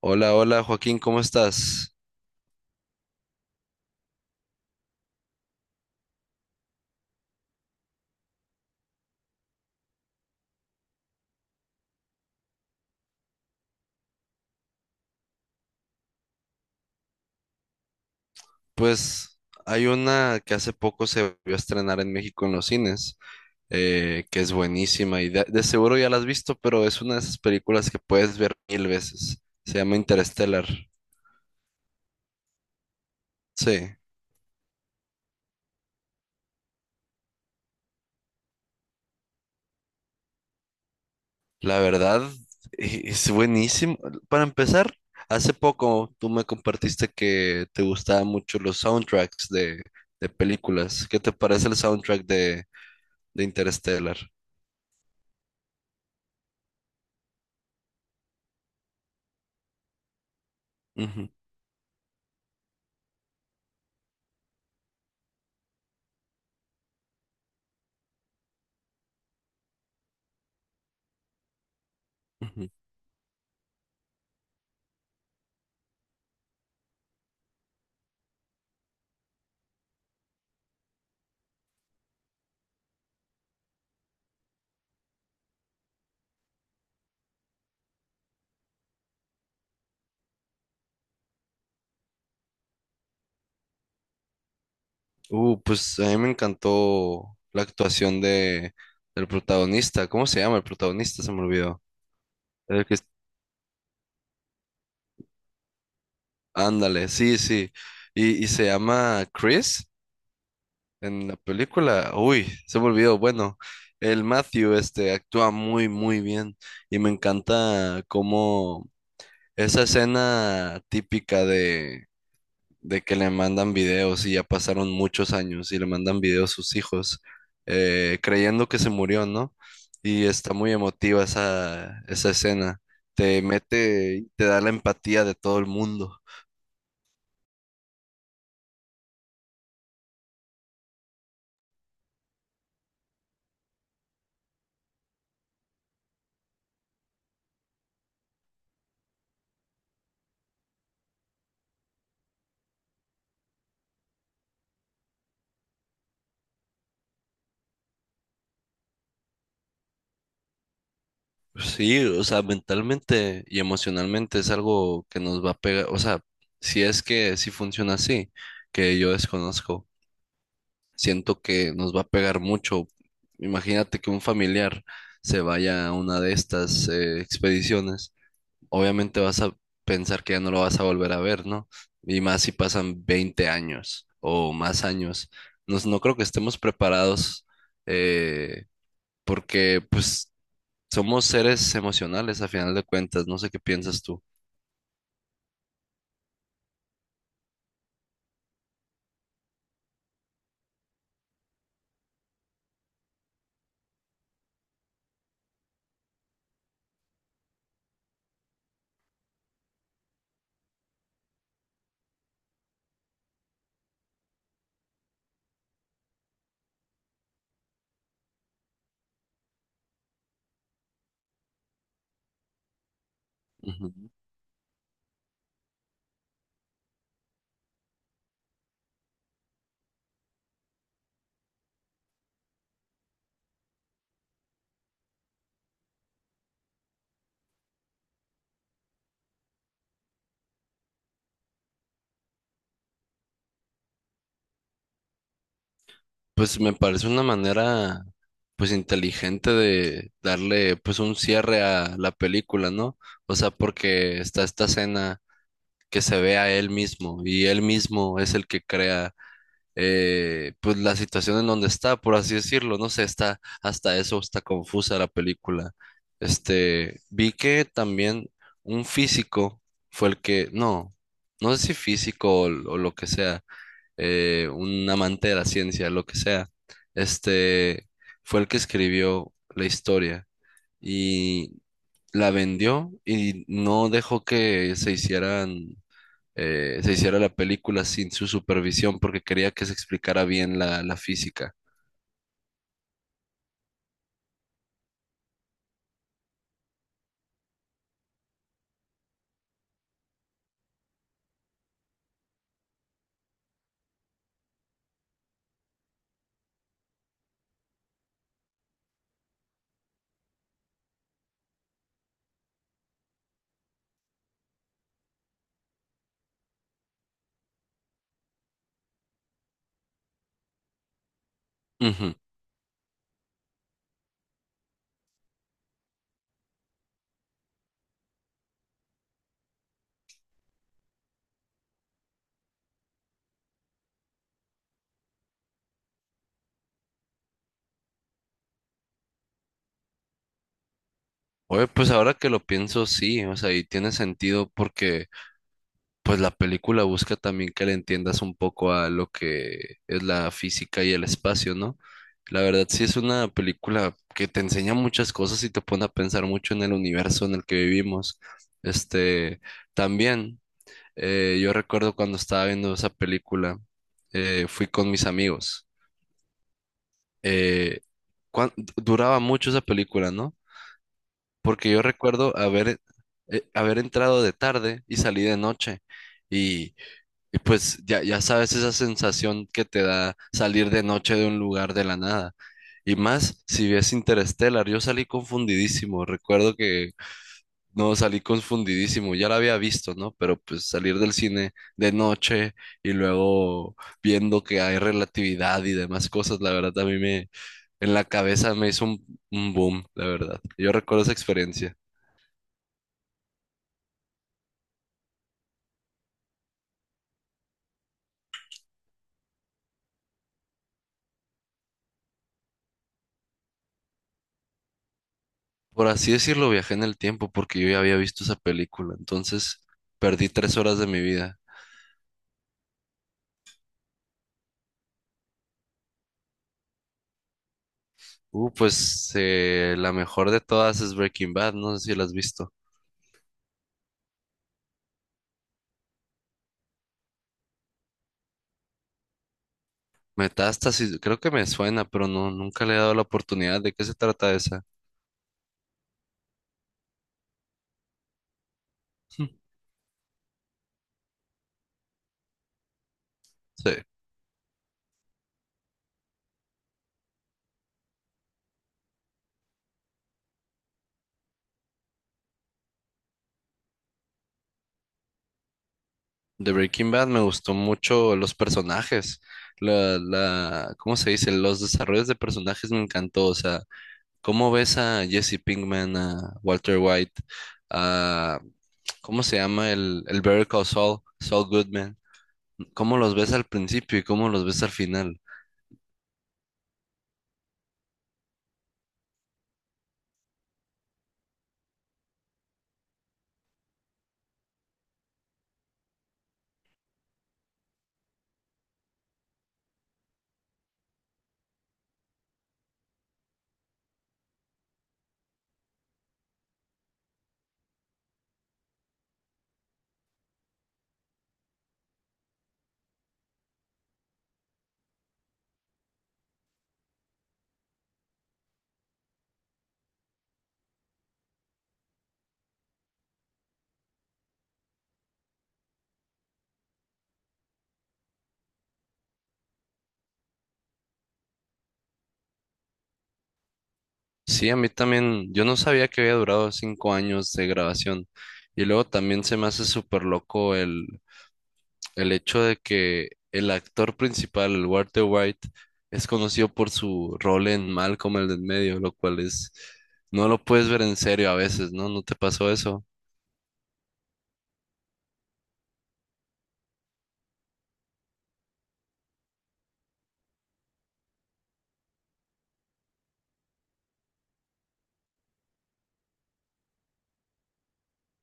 Hola, hola Joaquín, ¿cómo estás? Pues hay una que hace poco se vio a estrenar en México en los cines, que es buenísima y de seguro ya la has visto, pero es una de esas películas que puedes ver mil veces. Se llama Interstellar. Sí, la verdad es buenísimo. Para empezar, hace poco tú me compartiste que te gustaban mucho los soundtracks de películas. ¿Qué te parece el soundtrack de Interstellar? Ujú, ujú. Pues a mí me encantó la actuación del protagonista. ¿Cómo se llama el protagonista? Se me olvidó. El que, ándale, sí, sí. Y se llama Chris en la película. Uy, se me olvidó. Bueno, el Matthew este, actúa muy, muy bien. Y me encanta cómo esa escena típica de que le mandan videos y ya pasaron muchos años y le mandan videos sus hijos, creyendo que se murió, ¿no? Y está muy emotiva esa escena. Te mete y te da la empatía de todo el mundo. Sí, o sea, mentalmente y emocionalmente es algo que nos va a pegar, o sea, si es que sí funciona así, que yo desconozco, siento que nos va a pegar mucho. Imagínate que un familiar se vaya a una de estas expediciones obviamente vas a pensar que ya no lo vas a volver a ver, ¿no? Y más si pasan 20 años o más años. No, no creo que estemos preparados eh, porque pues somos seres emocionales a final de cuentas. No sé qué piensas tú. Ujú. Pues me parece una manera pues inteligente de darle pues un cierre a la película, ¿no? O sea, porque está esta escena que se ve a él mismo y él mismo es el que crea pues la situación en donde está, por así decirlo, no sé, está hasta eso, está confusa la película. Este, vi que también un físico fue el que, no, no sé si físico o, o lo que sea, un amante de la ciencia, lo que sea, este, fue el que escribió la historia y la vendió y no dejó que se hicieran se hiciera la película sin su supervisión porque quería que se explicara bien la física. Ujú. Oye, pues ahora que lo pienso, sí, o sea, y tiene sentido porque pues la película busca también que le entiendas un poco a lo que es la física y el espacio, ¿no? La verdad sí es una película que te enseña muchas cosas y te pone a pensar mucho en el universo en el que vivimos. Este, también, yo recuerdo cuando estaba viendo esa película, fui con mis amigos eh, duraba mucho esa película, ¿no? Porque yo recuerdo haber entrado de tarde y salí de noche. Y, y pues ya, ya sabes esa sensación que te da salir de noche de un lugar de la nada. Y más si ves Interstellar, yo salí confundidísimo. Recuerdo que no, salí confundidísimo, ya la había visto, ¿no? Pero pues salir del cine de noche y luego viendo que hay relatividad y demás cosas, la verdad a mí en la cabeza me hizo un boom, la verdad. Yo recuerdo esa experiencia. Por así decirlo, viajé en el tiempo porque yo ya había visto esa película, entonces perdí 3 horas de mi vida. Pues la mejor de todas es Breaking Bad, no sé si la has visto. Metástasis, creo que me suena, pero no, nunca le he dado la oportunidad. ¿De qué se trata esa? Sí, de Breaking Bad me gustó mucho los personajes, la, ¿cómo se dice? Los desarrollos de personajes me encantó, o sea, cómo ves a Jesse Pinkman, a Walter White, a, ¿cómo se llama? El Better Call Saul, Saul Goodman, cómo los ves al principio y cómo los ves al final. Sí, a mí también, yo no sabía que había durado 5 años de grabación y luego también se me hace súper loco el hecho de que el actor principal, Walter White, es conocido por su rol en Malcolm el del medio, lo cual es, no lo puedes ver en serio a veces, ¿no? ¿No te pasó eso?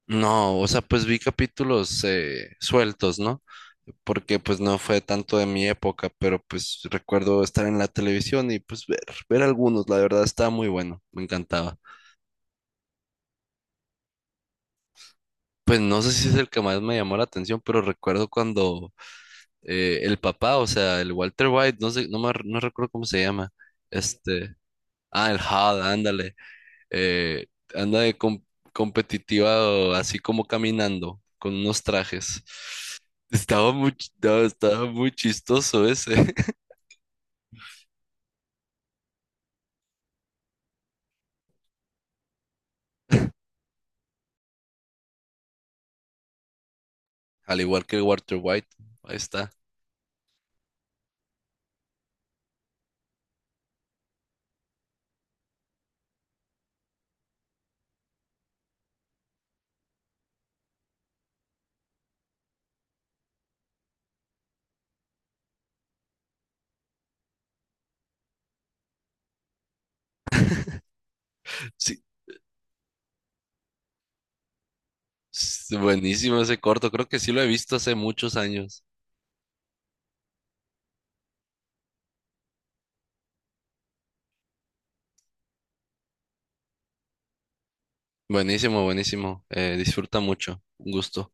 No, o sea, pues vi capítulos sueltos, ¿no? Porque pues no fue tanto de mi época, pero pues recuerdo estar en la televisión y pues ver, ver algunos, la verdad estaba muy bueno, me encantaba. Pues no sé si es el que más me llamó la atención, pero recuerdo cuando el papá, o sea, el Walter White, no sé, no recuerdo cómo se llama. Este, ah, el Hal, ándale. eh, Anda de competitiva, así como caminando, con unos trajes. Estaba muy, no, estaba muy chistoso ese, al igual que Walter White. Ahí está. Sí, buenísimo ese corto, creo que sí lo he visto hace muchos años. Buenísimo, buenísimo. Disfruta mucho. Un gusto.